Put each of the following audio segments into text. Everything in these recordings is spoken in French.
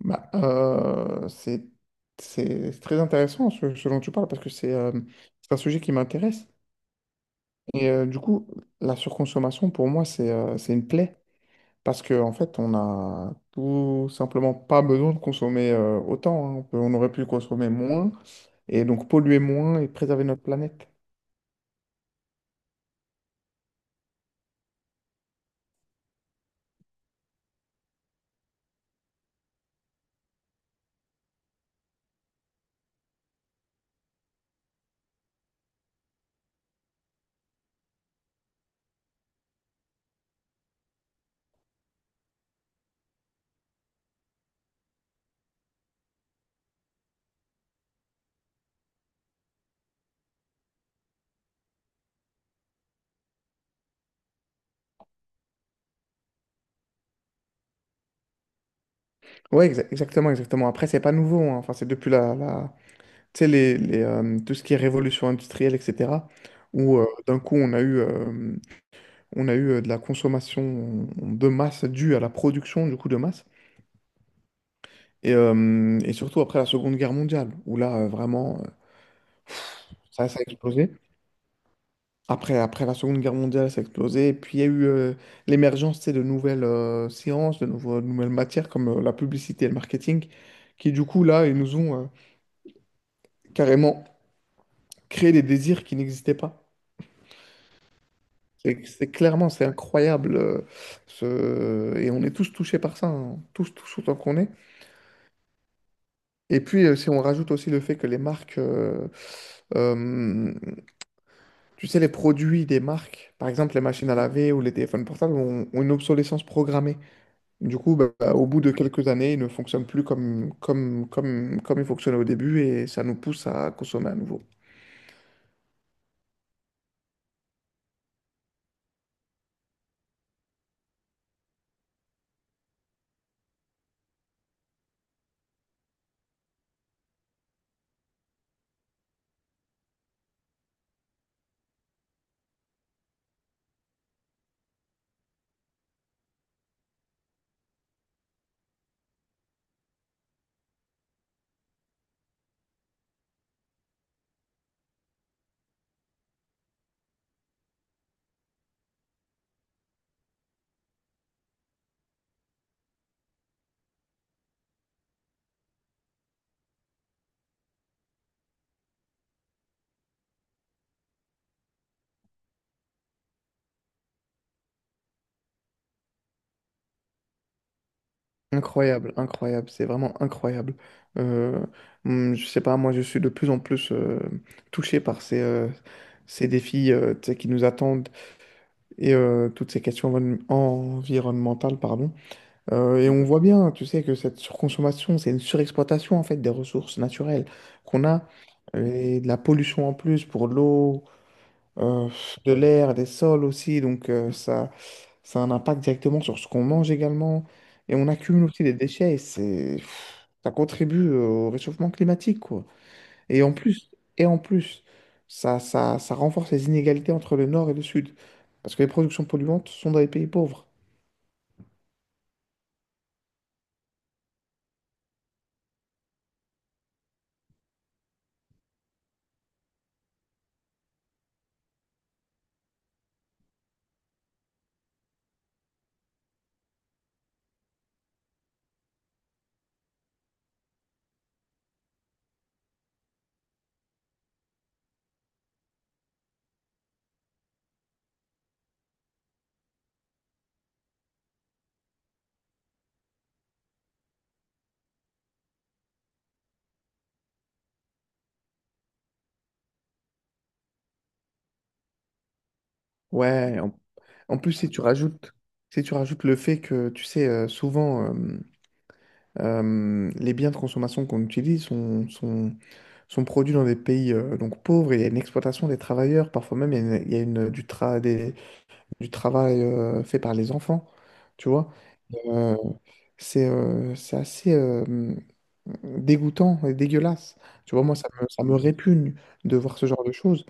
C'est c'est très intéressant ce, ce dont tu parles parce que c'est un sujet qui m'intéresse. Et du coup, la surconsommation, pour moi, c'est une plaie parce que en fait, on a tout simplement pas besoin de consommer autant, hein. On aurait pu consommer moins et donc polluer moins et préserver notre planète. Oui, exactement, exactement. Après, c'est pas nouveau, hein. Enfin, c'est depuis tu sais, tout ce qui est révolution industrielle, etc., où d'un coup, on a eu de la consommation de masse due à la production, du coup, de masse. Et surtout après la Seconde Guerre mondiale, où là, vraiment, ça a explosé. Après, après la Seconde Guerre mondiale, ça a explosé. Et puis, il y a eu l'émergence, tu sais, de nouvelles sciences, de nouvelles matières, comme la publicité et le marketing, qui, du coup, là, ils nous ont carrément créé des désirs qui n'existaient pas. C'est clairement, c'est incroyable. Et on est tous touchés par ça, hein. Tous, tous autant qu'on est. Et puis, si on rajoute aussi le fait que euh, tu sais, les produits des marques, par exemple les machines à laver ou les téléphones portables, ont une obsolescence programmée. Du coup, au bout de quelques années, ils ne fonctionnent plus comme ils fonctionnaient au début, et ça nous pousse à consommer à nouveau. Incroyable, incroyable, c'est vraiment incroyable. Euh, je sais pas, moi je suis de plus en plus touché par ces défis tu sais, qui nous attendent, et toutes ces questions environnementales, pardon. Et on voit bien, tu sais, que cette surconsommation, c'est une surexploitation en fait des ressources naturelles qu'on a, et de la pollution en plus pour l'eau, euh, de l'air, des sols aussi, donc ça. Ça a un impact directement sur ce qu'on mange également. Et on accumule aussi des déchets. Et ça contribue au réchauffement climatique, quoi. Et en plus, et en plus, ça renforce les inégalités entre le nord et le sud. Parce que les productions polluantes sont dans les pays pauvres. Ouais, en, En plus, si tu rajoutes le fait que, tu sais, souvent, les biens de consommation qu'on utilise sont produits dans des pays donc pauvres, et il y a une exploitation des travailleurs, parfois même il y a une- du travail, fait par les enfants, tu vois. Euh, c'est assez dégoûtant et dégueulasse. Tu vois, moi, ça me répugne de voir ce genre de choses.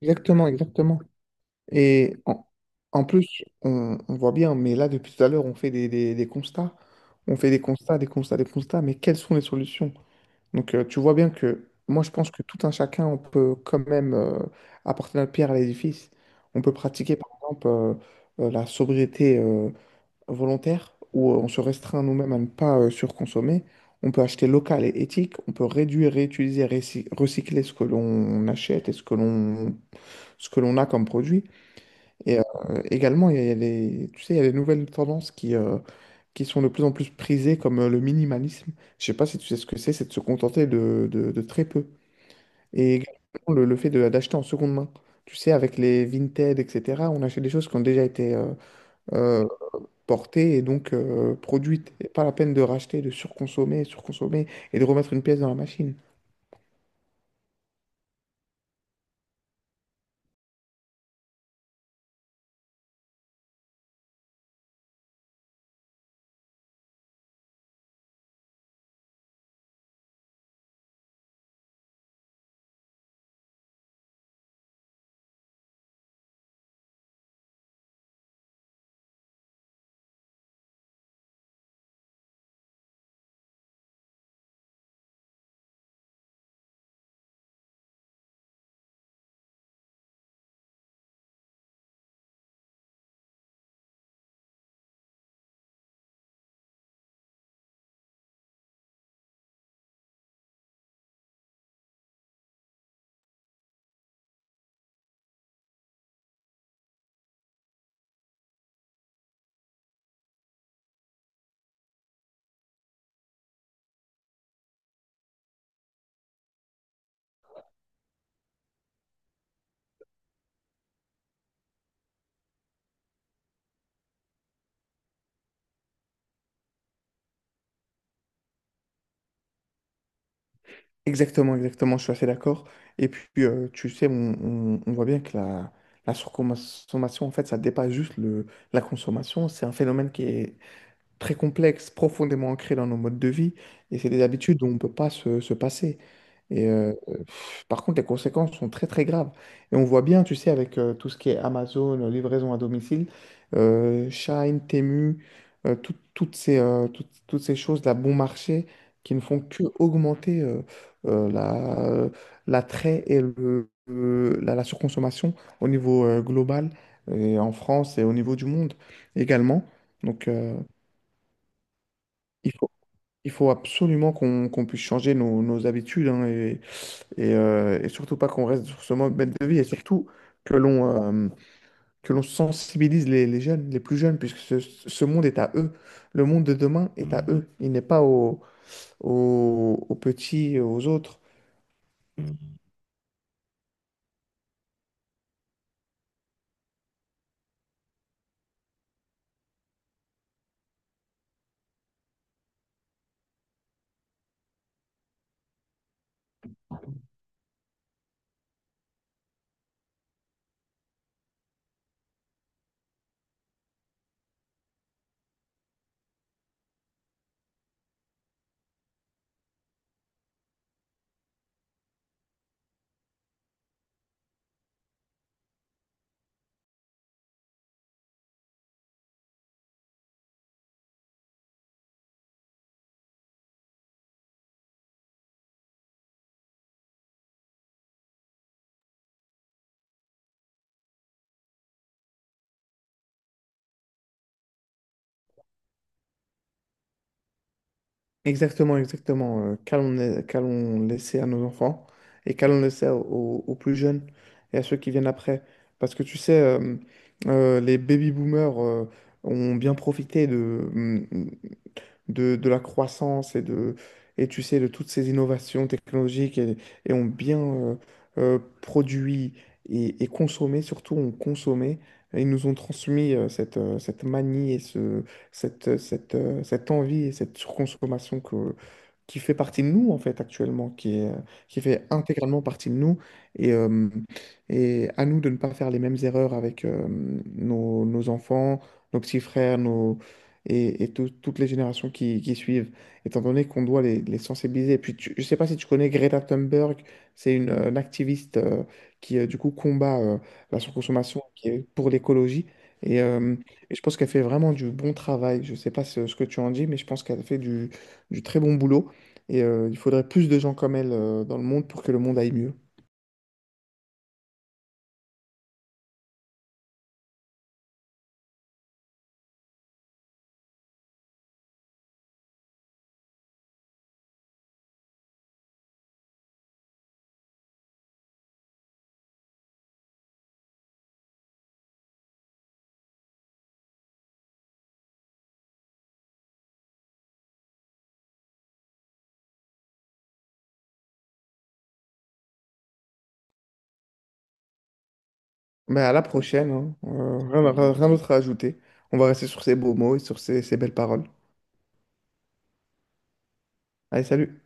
Exactement, exactement. Et en, En plus, on voit bien, mais là, depuis tout à l'heure, on fait des constats. On fait des constats, des constats, des constats, mais quelles sont les solutions? Donc, tu vois bien que moi, je pense que tout un chacun, on peut quand même apporter notre pierre à l'édifice. On peut pratiquer, par exemple, la sobriété volontaire où on se restreint nous-mêmes à ne pas surconsommer. On peut acheter local et éthique, on peut réduire, réutiliser, recycler ce que l'on achète et ce que l'on a comme produit. Et également, il y a des, tu sais, il y a des nouvelles tendances qui sont de plus en plus prisées, comme le minimalisme. Je sais pas si tu sais ce que c'est de se contenter de très peu. Et également le fait d'acheter en seconde main. Tu sais, avec les Vinted, etc., on achète des choses qui ont déjà été euh, portée et donc produite. Et pas la peine de racheter, de surconsommer, surconsommer et de remettre une pièce dans la machine. Exactement, exactement, je suis assez d'accord. Et puis, tu sais, on voit bien que la surconsommation, en fait, ça dépasse juste la consommation. C'est un phénomène qui est très complexe, profondément ancré dans nos modes de vie, et c'est des habitudes dont on ne peut pas se passer. Et, euh, Par contre, les conséquences sont très très graves. Et on voit bien, tu sais, avec tout ce qui est Amazon, livraison à domicile, Shein, Temu, toutes ces, toutes ces choses, la bon marché, qui ne font que augmenter euh, la, l'attrait et la surconsommation au niveau global, et en France et au niveau du monde également. Donc, il faut, il faut absolument qu'on puisse changer nos habitudes, hein, et surtout pas qu'on reste sur ce mode de vie et surtout que l'on euh, que l'on sensibilise les jeunes, les plus jeunes, puisque ce monde est à eux. Le monde de demain est à eux. Il n'est pas aux petits, aux autres. Exactement, exactement. Qu'allons laisser à nos enfants et qu'allons laisser aux plus jeunes et à ceux qui viennent après. Parce que tu sais, les baby boomers ont bien profité de la croissance et de, et tu sais, de toutes ces innovations technologiques et ont bien produit et consommé, surtout ont consommé. Et ils nous ont transmis cette manie et cette envie et cette surconsommation qui fait partie de nous, en fait, actuellement, qui fait intégralement partie de nous. Et, euh, et à nous de ne pas faire les mêmes erreurs avec nos enfants, nos petits frères, nos, et, toutes les générations qui suivent, étant donné qu'on doit les sensibiliser. Et puis, je ne sais pas si tu connais Greta Thunberg, c'est une activiste du coup, combat la surconsommation qui est pour l'écologie. Et, euh, et je pense qu'elle fait vraiment du bon travail. Je ne sais pas ce que tu en dis, mais je pense qu'elle fait du très bon boulot. Et il faudrait plus de gens comme elle dans le monde pour que le monde aille mieux. Mais à la prochaine, hein. Rien d'autre à ajouter. On va rester sur ces beaux mots et sur ces belles paroles. Allez, salut!